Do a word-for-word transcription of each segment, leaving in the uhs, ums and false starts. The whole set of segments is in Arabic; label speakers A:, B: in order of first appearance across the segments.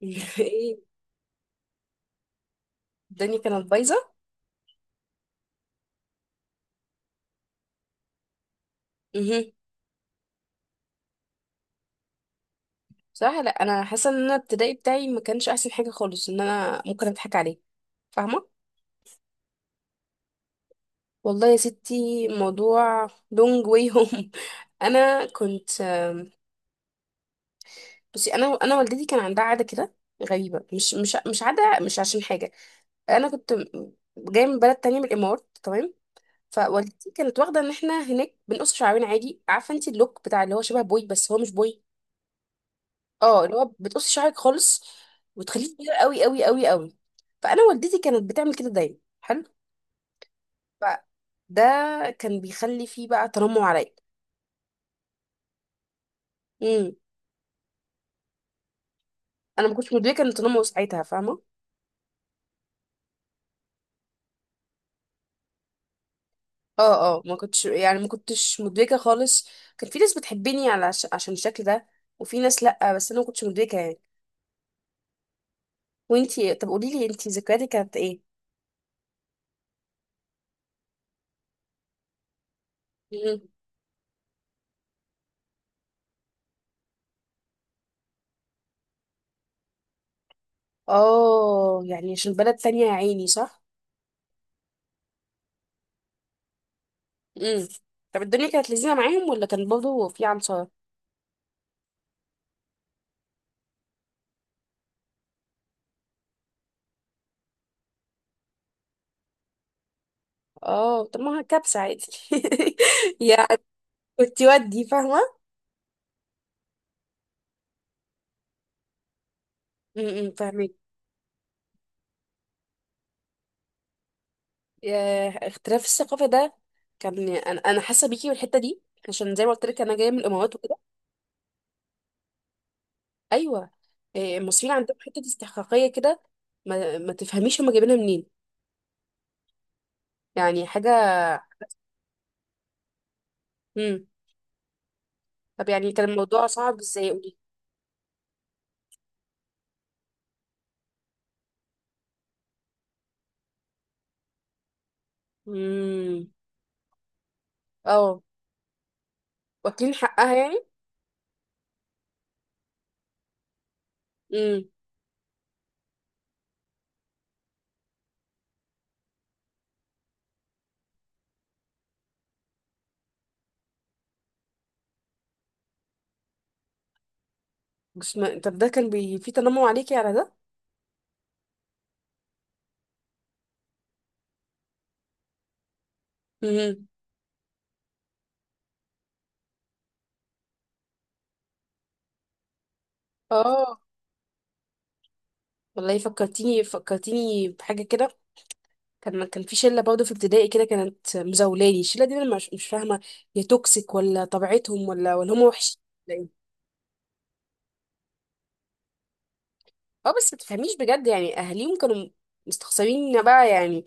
A: ايه. الدنيا كانت بايظه. مهم. بصراحه لا، انا حاسه ان انا الابتدائي بتاعي ما كانش احسن حاجه خالص، ان انا ممكن اضحك عليه. فاهمه؟ والله يا ستي، موضوع لونج واي هوم. انا كنت. بصي، انا انا والدتي كان عندها عاده كده غريبه، مش مش مش عاده، مش عشان حاجه. انا كنت جايه من بلد تانية، من الامارات، تمام. فوالدتي كانت واخده ان احنا هناك بنقص شعرنا عادي. عارفه انت اللوك بتاع اللي هو شبه بوي، بس هو مش بوي. اه، اللي هو بتقصي شعرك خالص، وتخليه صغير قوي قوي قوي قوي. فانا والدتي كانت بتعمل كده دايما. حلو. فده كان بيخلي فيه بقى تنمر عليا. امم انا ما كنتش مدركه ان التنمر ساعتها. فاهمه؟ اه، اه، ما كنتش، يعني ما كنتش مدركه خالص. كان في ناس بتحبني على ش... عشان الشكل ده. وفي ناس لا، بس انا ما كنتش مدركه يعني. وانتي، طب قولي لي انتي، ذكرياتك كانت ايه؟ امم اه، يعني عشان بلد تانية يا عيني، صح. امم طب الدنيا كانت لذيذه معاهم، ولا كان برضه في عنصر؟ اه، طب ما كبسة عادي. يعني كنت ودي فاهمة. م- م، فاهمك. يا اختلاف الثقافة ده. كان انا انا حاسة بيكي بالحتة دي، عشان زي ما قلت لك انا جاية من الامارات وكده. ايوه. إيه، المصريين عندهم حتة استحقاقية كده. ما, ما تفهميش هما جايبينها منين، يعني حاجة. امم طب يعني كان الموضوع صعب ازاي، قولي؟ امم اه، واكلين حقها يعني. امم طب ده كان بي... في تنمر عليكي على ده؟ امم اه، والله فكرتيني فكرتيني بحاجه كده. كان كان في شله برضه في ابتدائي كده، كانت مزولاني الشله دي. انا مش مش فاهمه، هي توكسيك ولا طبيعتهم ولا ولا هم وحشين ولا ايه؟ اه، بس ما تفهميش بجد، يعني اهاليهم كانوا مستخسرين بقى، يعني,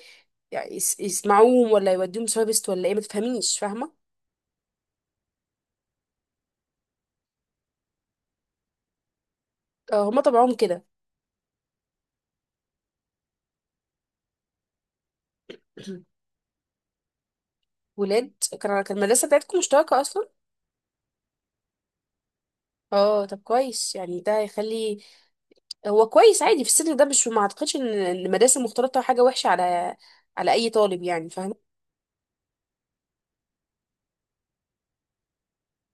A: يعني يس- يسمعوهم ولا يوديهم سوابست ولا ايه، ما تفهميش. فاهمه؟ اه، هم طبعهم كده. ولاد. كان كان المدرسه بتاعتكم مشتركه اصلا؟ اه، طب كويس يعني، ده هيخلي. هو كويس عادي في السن ده، مش ما اعتقدش ان إن المدارس المختلطه حاجه وحشه على على اي طالب يعني. فاهم؟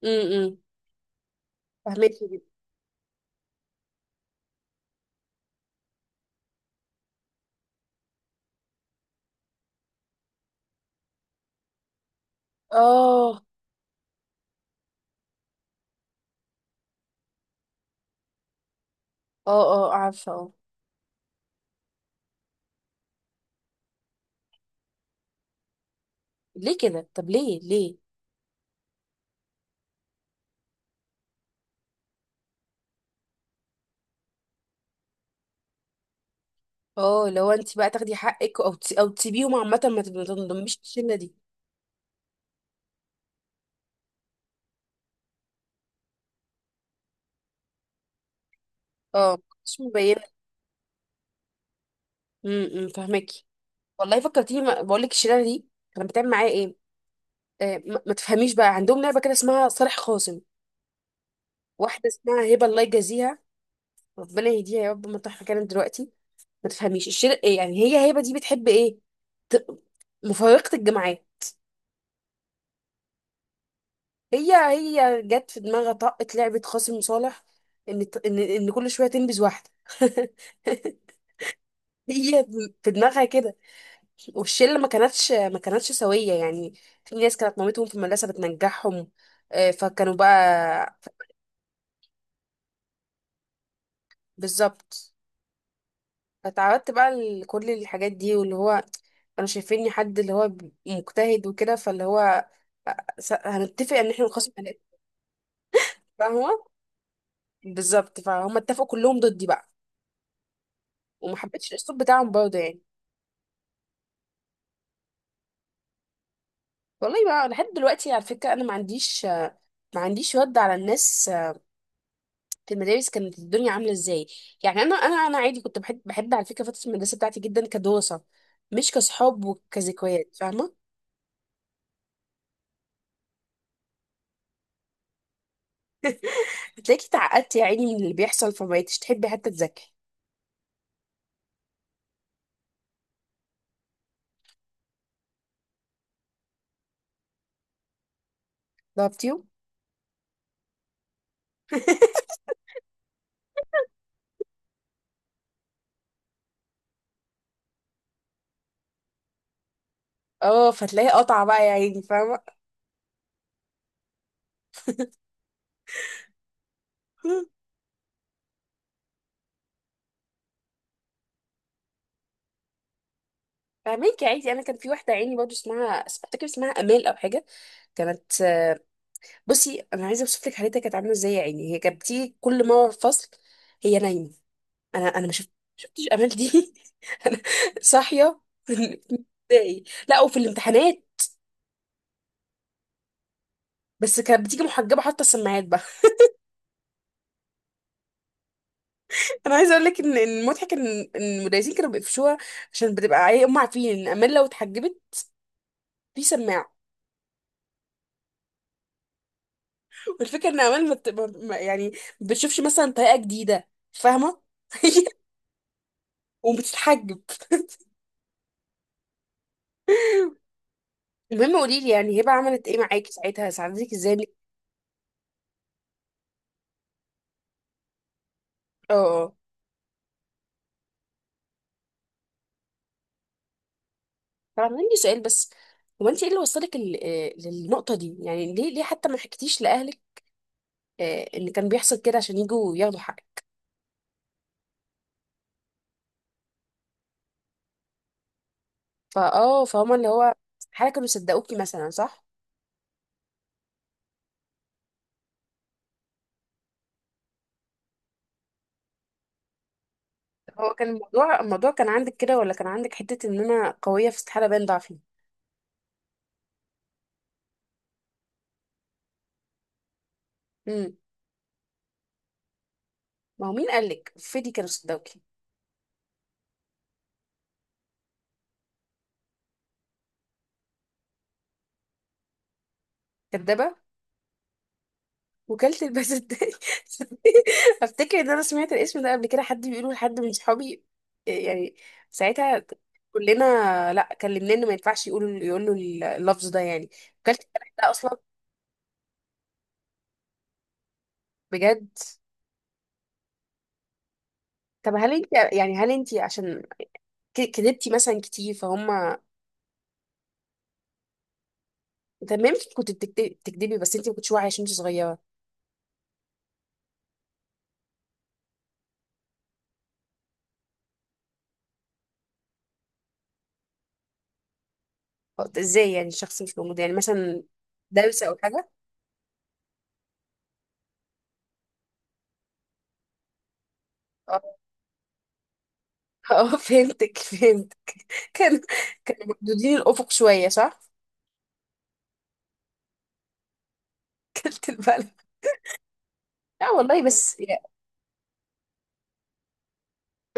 A: امم فهمتي جدا. اه، اه، اه، عارفه، اه. ليه كده؟ طب ليه ليه؟ اه، لو انت بقى تاخدي حقك، او تس- او تسيبيهم عامه، ما تب- ما تنضميش الشله دي. اه، مش مبينه. امم فهماكي. والله فكرتيني. ما- بقول لك الشله دي كانت بتعمل معايا ايه. آه ما ما تفهميش بقى، عندهم لعبه كده اسمها صالح خاصم. واحده اسمها هبه، الله يجازيها، ربنا يهديها. يا رب ما تروح مكانها دلوقتي. ما تفهميش الشر يعني. هي هبه دي بتحب ايه؟ ت... مفارقه الجماعات. هي هي جت في دماغها طاقه لعبه قاسم صالح، ان ان ان كل شويه تنبذ واحده. هي في دماغها كده. والشله ما كانتش ما كانتش سويه يعني. في ناس كانت مامتهم في المدرسه بتنجحهم. آه، فكانوا بقى. بالظبط. فتعودت بقى لكل الحاجات دي، واللي هو كانوا شايفيني حد اللي هو مجتهد وكده، فاللي هو س- هنتفق ان احنا نقسم. فاهمة؟ بالظبط فهم اتفقوا كلهم ضدي بقى. وما حبيتش الاسلوب بتاعهم برضه يعني. والله بقى لحد دلوقتي على فكرة، انا ما عنديش ما عنديش رد على الناس في المدارس، كانت الدنيا عاملة ازاي يعني؟ انا انا انا عادي، كنت بحب بحب على فكرة فترة المدرسة بتاعتي جدا كدراسة، مش كصحاب وكذكريات. فاهمة؟ هتلاقيكي اتعقدتي يا عيني من اللي بيحصل، فمبقتيش تحبي حتى تذاكري. ضربتيهم؟ اه، فتلاقي قطع بقى يا عيني، فاهمة؟ فاهمك يا عيني. انا كان في واحدة عيني برضه، اسمها افتكر اسمها امال او حاجة. كانت. بصي انا عايزه اوصف لك حالتها كانت عامله ازاي يا عيني. هي كانت بتيجي كل ما هو فصل هي نايمه. انا انا ما شفت شفتش امال دي. انا صاحيه في ال- في الابتدائي، لا، وفي الامتحانات بس كانت بتيجي محجبه حاطه السماعات بقى. انا عايزه اقول لك ان إن المضحك ان إن المدرسين كانوا بيقفشوها، عشان بتبقى عي- هم عارفين ان امال لو اتحجبت في سماعه. والفكره ان امال ما بت- ما- ما- يعني ما بتشوفش مثلا طريقه جديده، فاهمه؟ وبتتحجب. المهم، قولي لي يعني هبه عملت ايه معاكي ساعتها، ساعدتك ازاي؟ اه، اه، طبعا. عندي سؤال بس، هو انت ايه اللي وصلك ال- آه، للنقطة دي؟ يعني ليه، ليه حتى ما حكيتيش لأهلك آه، ان كان بيحصل كده عشان يجوا ياخدوا حقك؟ فاه فهم اللي هو حاجة، كانوا صدقوكي مثلا، صح؟ هو كان الموضوع الموضوع كان عندك كده، ولا كان عندك حتة ان انا قوية، في استحالة باين ضعفي؟ امم ما هو مين قالك فيدي كانوا صدقوكي؟ كدابة؟ وكالة البساتين. افتكر ان انا سمعت الاسم ده قبل كده، حد بيقوله لحد من صحابي يعني ساعتها. كلنا لا، كلمناه انه ما ينفعش يقولوا يقولوا اللفظ ده يعني. وكالة البنات ده اصلا؟ بجد؟ طب هل انت يعني، هل انت عشان ك- كدبتي مثلا كتير، فهم؟ طب ما يمكن كنت بتكت- بتكدبي، بس انت ما كنتش واعيه عشان انت صغيره. طب ازاي يعني الشخص مش موجود، يعني مثلا دارسه او حاجه؟ اه. آه، فهمتك، فهمت. كان كانوا محدودين الافق شويه، صح؟ كلت البلد. لا والله، بس يا-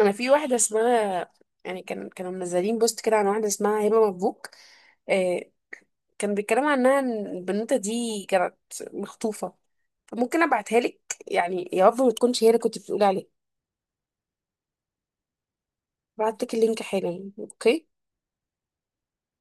A: انا في واحده اسمها، يعني كان كانوا منزلين بوست كده عن واحده اسمها هبه مبروك. آه كان بيتكلموا عنها ان البنوته دي كانت مخطوفه، فممكن ابعتها لك. يعني يا رب ما تكونش هي اللي كنت بتقولي عليها. بعت لك اللينك حالا. اوكي.